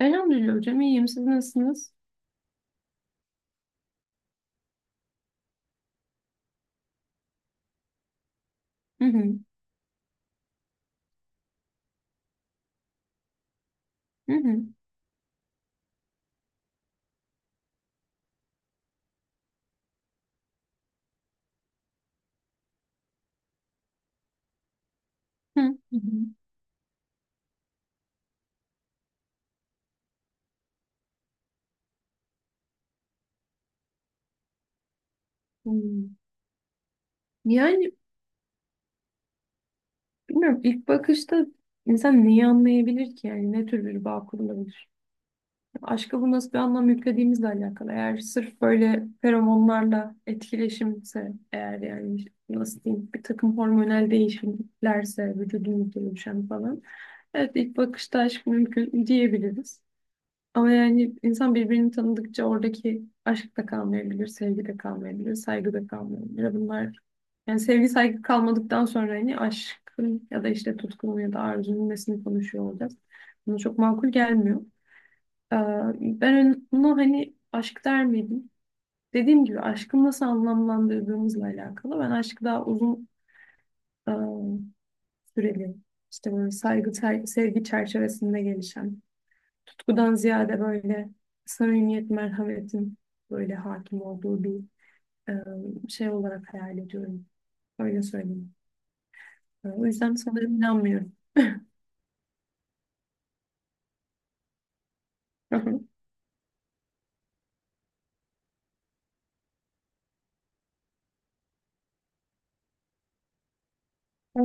Elhamdülillah hocam iyiyim. Siz nasılsınız? Hı hı. Hı hı. Hı hı. Hı. Yani bilmiyorum ilk bakışta insan neyi anlayabilir ki yani ne tür bir bağ kurulabilir? Aşka bu nasıl bir anlam yüklediğimizle alakalı. Eğer sırf böyle feromonlarla etkileşimse eğer yani nasıl diyeyim bir takım hormonal değişimlerse vücudumuzda oluşan falan. Evet ilk bakışta aşk mümkün diyebiliriz. Ama yani insan birbirini tanıdıkça oradaki aşk da kalmayabilir, sevgi de kalmayabilir, saygı da kalmayabilir. Bunlar yani sevgi saygı kalmadıktan sonra hani aşkın ya da işte tutkunun ya da arzunun nesini konuşuyor olacağız. Buna çok makul gelmiyor. Ee, ben bunu hani aşk der miydim? Dediğim gibi aşkı nasıl anlamlandırdığımızla alakalı. Ben aşkı daha uzun e, süreli işte böyle saygı, sevgi çerçevesinde gelişen tutkudan ziyade böyle samimiyet, merhametin böyle hakim olduğu bir şey olarak hayal ediyorum. Öyle söyleyeyim. O yüzden sanırım inanmıyorum. Hı hı. E,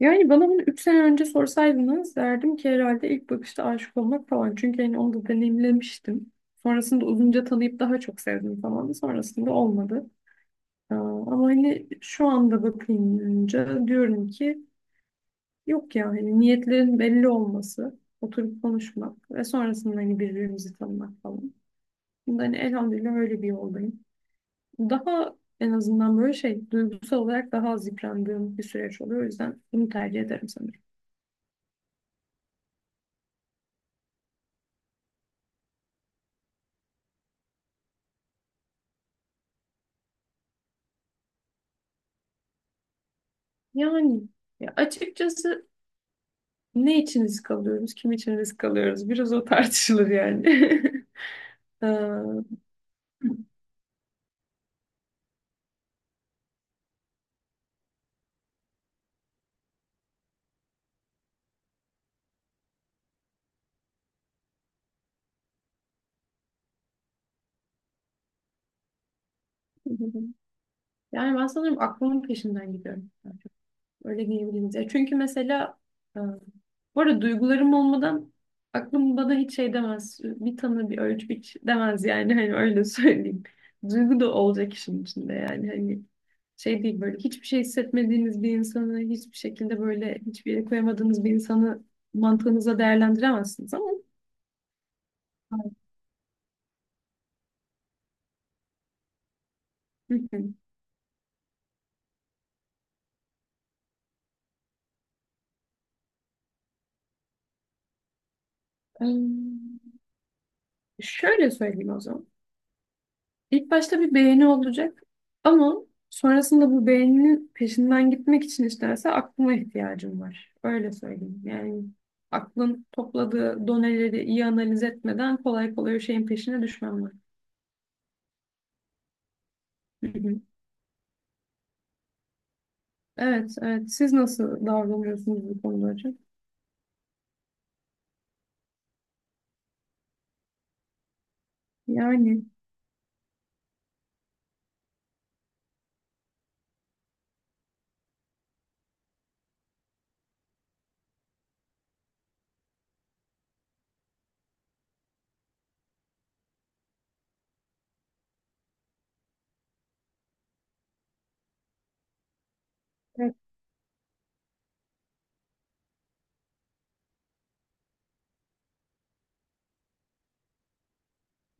Yani bana bunu 3 sene önce sorsaydınız derdim ki herhalde ilk bakışta aşık olmak falan. Çünkü hani onu da deneyimlemiştim. Sonrasında uzunca tanıyıp daha çok sevdim falan. Sonrasında olmadı. Ama hani şu anda bakınca diyorum ki yok ya hani niyetlerin belli olması, oturup konuşmak ve sonrasında hani birbirimizi tanımak falan. Bunda hani elhamdülillah öyle bir yoldayım. Daha en azından böyle şey duygusal olarak daha az yıprandığım bir süreç oluyor. O yüzden bunu tercih ederim sanırım. Yani ya açıkçası ne için risk alıyoruz, kim için risk alıyoruz biraz o tartışılır yani. Ee, Yani ben sanırım aklımın peşinden gidiyorum. Öyle diyebiliriz. Ya çünkü mesela e, bu arada duygularım olmadan aklım bana hiç şey demez. Bir tanı bir ölç biç demez yani hani öyle söyleyeyim. Duygu da olacak işin içinde yani hani şey değil böyle hiçbir şey hissetmediğiniz bir insanı hiçbir şekilde böyle hiçbir yere koyamadığınız bir insanı mantığınıza değerlendiremezsiniz ama. Hı hı. Em, şöyle söyleyeyim o zaman. İlk başta bir beğeni olacak ama sonrasında bu beğeninin peşinden gitmek için isterse aklıma ihtiyacım var. Öyle söyleyeyim. Yani aklın topladığı doneleri iyi analiz etmeden kolay kolay o şeyin peşine düşmem ben. Hı hı. Evet, evet. Siz nasıl davranıyorsunuz bu konuda hocam? Yani evet.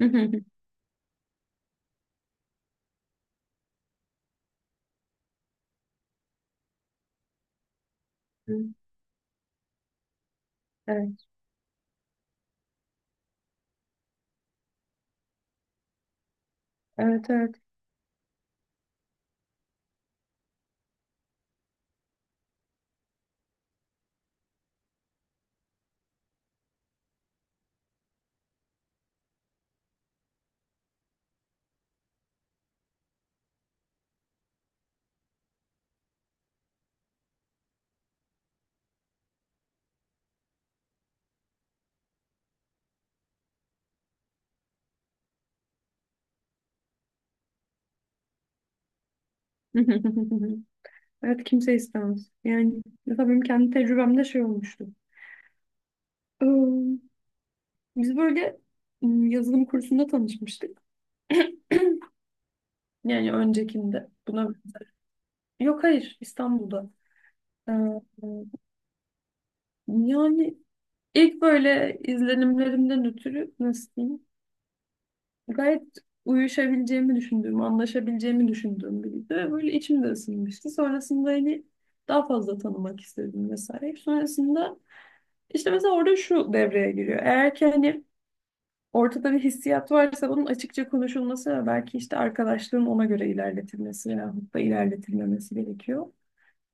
Hı hı hı. Evet, evet, evet. Evet, kimse istemez. Yani mesela benim kendi tecrübemde şey olmuştu. Biz böyle yazılım kursunda tanışmıştık. Yani öncekinde. Buna yok, hayır, İstanbul'da. Ee, yani ilk böyle izlenimlerimden ötürü nasıl diyeyim? Gayet uyuşabileceğimi düşündüğüm, anlaşabileceğimi düşündüğüm biriydi. Ve böyle içim de ısınmıştı. Sonrasında hani daha fazla tanımak istedim vesaire. Sonrasında işte mesela orada şu devreye giriyor. Eğer ki hani ortada bir hissiyat varsa bunun açıkça konuşulması ve belki işte arkadaşlığın ona göre ilerletilmesi yahut da ilerletilmemesi gerekiyor.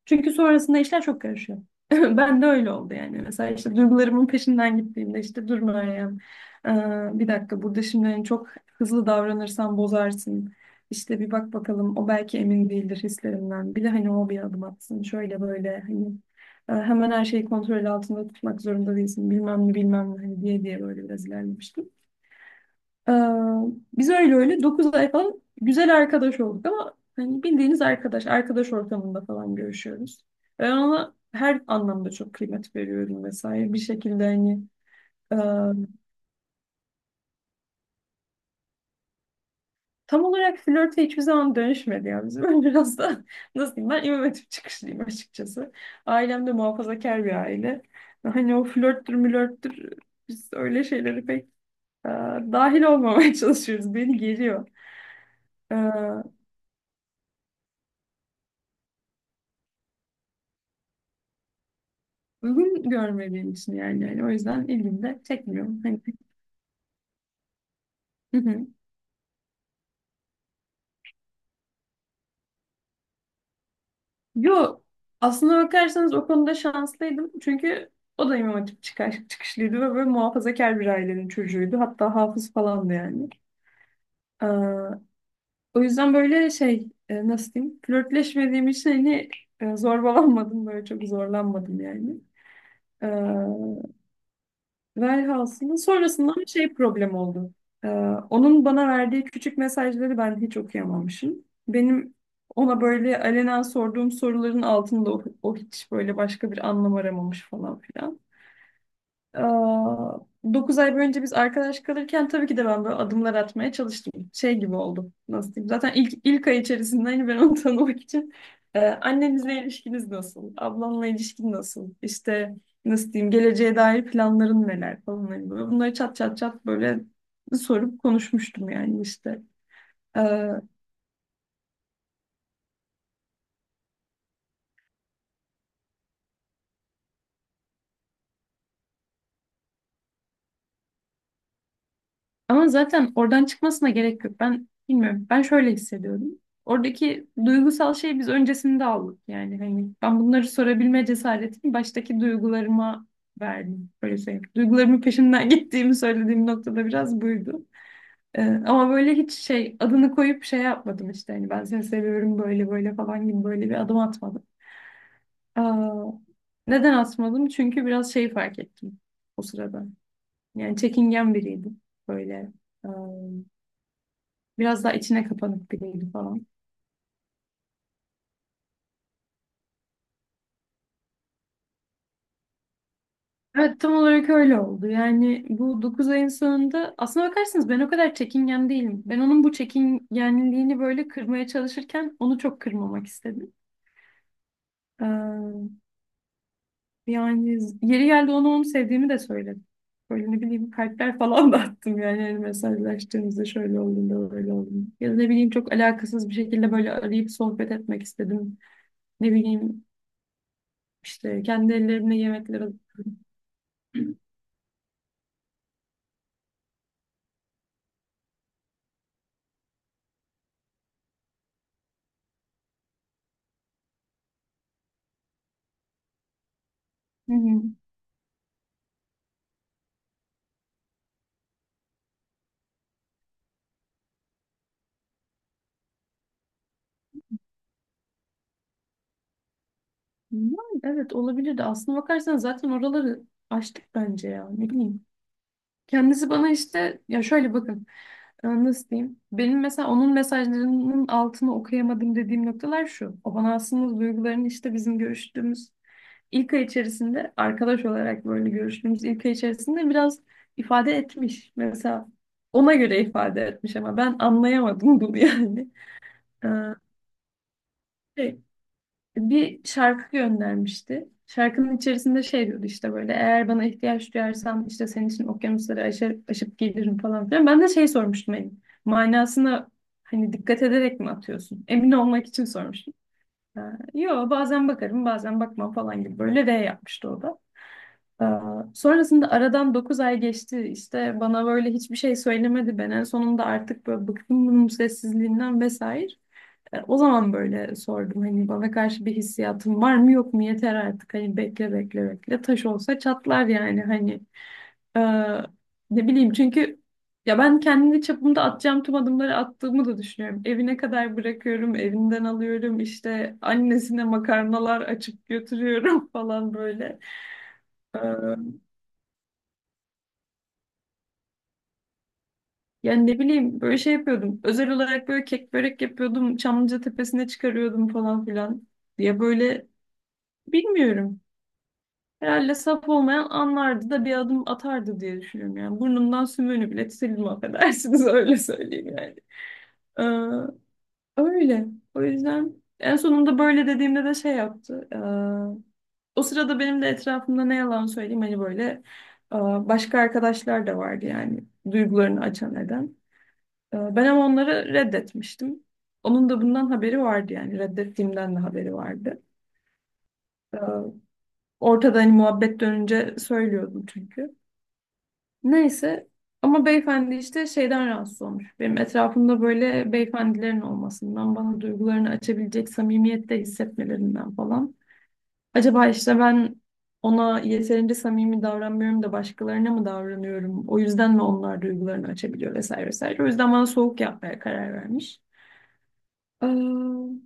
Çünkü sonrasında işler çok karışıyor. Ben de öyle oldu yani. Mesela işte duygularımın peşinden gittiğimde işte dur Meryem, bir dakika burada şimdi hani çok hızlı davranırsan bozarsın. İşte bir bak bakalım o belki emin değildir hislerinden. Bir de hani o bir adım atsın şöyle böyle hani hemen her şeyi kontrol altında tutmak zorunda değilsin bilmem ne bilmem ne hani diye diye böyle biraz ilerlemiştim. Ee, biz öyle öyle 9 ay falan güzel arkadaş olduk ama hani bildiğiniz arkadaş, arkadaş ortamında falan görüşüyoruz. Ben ona her anlamda çok kıymet veriyorum vesaire. Bir şekilde hani e, tam olarak flörte hiçbir zaman dönüşmedi ya bizim. Ben biraz da nasıl diyeyim ben İmam Hatip çıkışlıyım açıkçası. Ailem de muhafazakar bir aile. Hani o flörttür mülörttür biz öyle şeyleri pek e, dahil olmamaya çalışıyoruz. Beni geriyor. E, uygun görmüyor benim için yani. Yani o yüzden ilgimi de çekmiyor. Hani. Hı hı. Yo, aslına bakarsanız o konuda şanslıydım. Çünkü o da İmam Hatip çıkışlıydı ve böyle muhafazakar bir ailenin çocuğuydu. Hatta hafız falandı yani. Ee, o yüzden böyle şey nasıl diyeyim flörtleşmediğim için hani zorbalanmadım böyle çok zorlanmadım yani. Ee, Velhasılı sonrasında bir şey problem oldu. Ee, onun bana verdiği küçük mesajları ben hiç okuyamamışım. Benim ona böyle alenen sorduğum soruların altında o hiç böyle başka bir anlam aramamış falan filan. Aa, 9 ay boyunca biz arkadaş kalırken tabii ki de ben böyle adımlar atmaya çalıştım. Şey gibi oldu. Nasıl diyeyim? Zaten ilk ay içerisinde hani ben onu tanımak için Annenizle ilişkiniz nasıl? Ablanla ilişkin nasıl? İşte nasıl diyeyim? Geleceğe dair planların neler falan. Hani böyle bunları çat çat çat böyle sorup konuşmuştum yani işte. Ee, Ama zaten oradan çıkmasına gerek yok. Ben bilmiyorum. Ben şöyle hissediyorum. Oradaki duygusal şey biz öncesinde aldık. Yani hani ben bunları sorabilme cesaretini baştaki duygularıma verdim. Böyle söyleyeyim. Duygularımın peşinden gittiğimi söylediğim noktada biraz buydu. Ama böyle hiç şey adını koyup şey yapmadım işte. Hani ben seni seviyorum böyle böyle falan gibi böyle bir adım atmadım. Aa, neden atmadım? Çünkü biraz şey fark ettim o sırada. Yani çekingen biriydim. Böyle. ıı, Biraz daha içine kapanık biriydi falan. Evet, tam olarak öyle oldu. Yani bu 9 ayın sonunda aslına bakarsanız ben o kadar çekingen değilim. Ben onun bu çekingenliğini böyle kırmaya çalışırken onu çok kırmamak istedim. Ee, yani yeri geldi onu sevdiğimi de söyledim. Böyle ne bileyim kalpler falan da attım yani, yani mesajlaştığımızda şöyle olduğunda böyle olduğunda. Ya da ne bileyim çok alakasız bir şekilde böyle arayıp sohbet etmek istedim. Ne bileyim işte kendi ellerimle yemekler hazırladım. Hı hı. Yani evet olabilir de, aslına bakarsan zaten oraları açtık bence ya. Ne bileyim. Kendisi bana işte ya şöyle bakın. Nasıl diyeyim? Benim mesela onun mesajlarının altını okuyamadım dediğim noktalar şu. O bana aslında duygularını işte bizim görüştüğümüz ilk ay içerisinde arkadaş olarak böyle görüştüğümüz ilk ay içerisinde biraz ifade etmiş. Mesela ona göre ifade etmiş ama ben anlayamadım bunu yani. Ee, şey, bir şarkı göndermişti. Şarkının içerisinde şey diyordu işte böyle eğer bana ihtiyaç duyarsan işte senin için okyanusları aşar, aşıp gelirim falan filan. Ben de şey sormuştum hani manasına hani dikkat ederek mi atıyorsun? Emin olmak için sormuştum. Ee, yo, bazen bakarım bazen bakmam falan gibi böyle R yapmıştı o da. Ee, sonrasında aradan 9 ay geçti işte, bana böyle hiçbir şey söylemedi, ben en sonunda artık böyle bıktım bunun sessizliğinden vesaire. O zaman böyle sordum hani bana karşı bir hissiyatın var mı yok mu, yeter artık hani bekle bekle bekle taş olsa çatlar yani hani. E, ne bileyim çünkü ya ben kendi çapımda atacağım tüm adımları attığımı da düşünüyorum. Evine kadar bırakıyorum, evinden alıyorum, işte annesine makarnalar açıp götürüyorum falan böyle. E, yani ne bileyim böyle şey yapıyordum. Özel olarak böyle kek börek yapıyordum. Çamlıca tepesine çıkarıyordum falan filan diye böyle bilmiyorum. Herhalde saf olmayan anlardı da bir adım atardı diye düşünüyorum yani. Burnumdan sümüğünü bile sildim affedersiniz öyle söyleyeyim yani. Ee, öyle. O yüzden en sonunda böyle dediğimde de şey yaptı. O sırada benim de etrafımda ne yalan söyleyeyim hani böyle e, başka arkadaşlar da vardı yani duygularını açan eden. Ben ama onları reddetmiştim. Onun da bundan haberi vardı yani reddettiğimden de haberi vardı. Ee, ortada hani muhabbet dönünce söylüyordum çünkü. Neyse, ama beyefendi işte şeyden rahatsız olmuş. Benim etrafımda böyle beyefendilerin olmasından, bana duygularını açabilecek samimiyette hissetmelerinden falan. Acaba işte ben ona yeterince samimi davranmıyorum da başkalarına mı davranıyorum? O yüzden mi onlar duygularını açabiliyor vesaire vesaire. O yüzden bana soğuk yapmaya karar vermiş. Ee,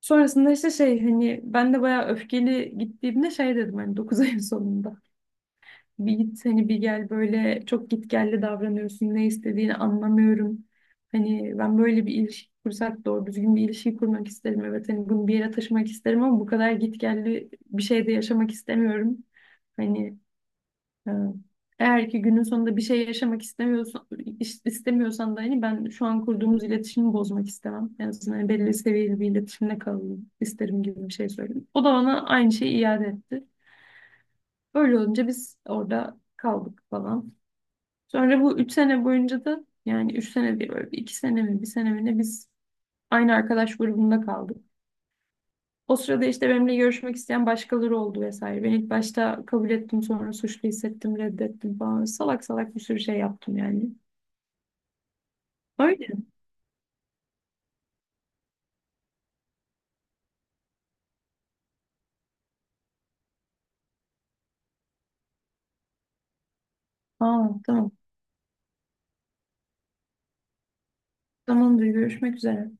sonrasında işte şey, hani ben de bayağı öfkeli gittiğimde şey dedim hani 9 ayın sonunda. Bir git hani bir gel, böyle çok gitgelli davranıyorsun. Ne istediğini anlamıyorum. Hani ben böyle bir ilişki kursak doğru düzgün bir ilişki kurmak isterim. Evet hani bunu bir yere taşımak isterim ama bu kadar gitgelli bir şeyde yaşamak istemiyorum. Hani e, eğer ki günün sonunda bir şey yaşamak istemiyorsan, istemiyorsan da hani ben şu an kurduğumuz iletişimi bozmak istemem. En azından hani belli seviyeli bir iletişimde kalalım isterim gibi bir şey söyledim. O da bana aynı şeyi iade etti. Öyle olunca biz orada kaldık falan. Sonra bu 3 sene boyunca da, yani 3 sene değil böyle bir iki sene mi bir sene mi ne, biz aynı arkadaş grubunda kaldık. O sırada işte benimle görüşmek isteyen başkaları oldu vesaire. Ben ilk başta kabul ettim sonra suçlu hissettim reddettim falan. Salak salak bir sürü şey yaptım yani. Öyle. Aa, tamam. Tamamdır, görüşmek üzere.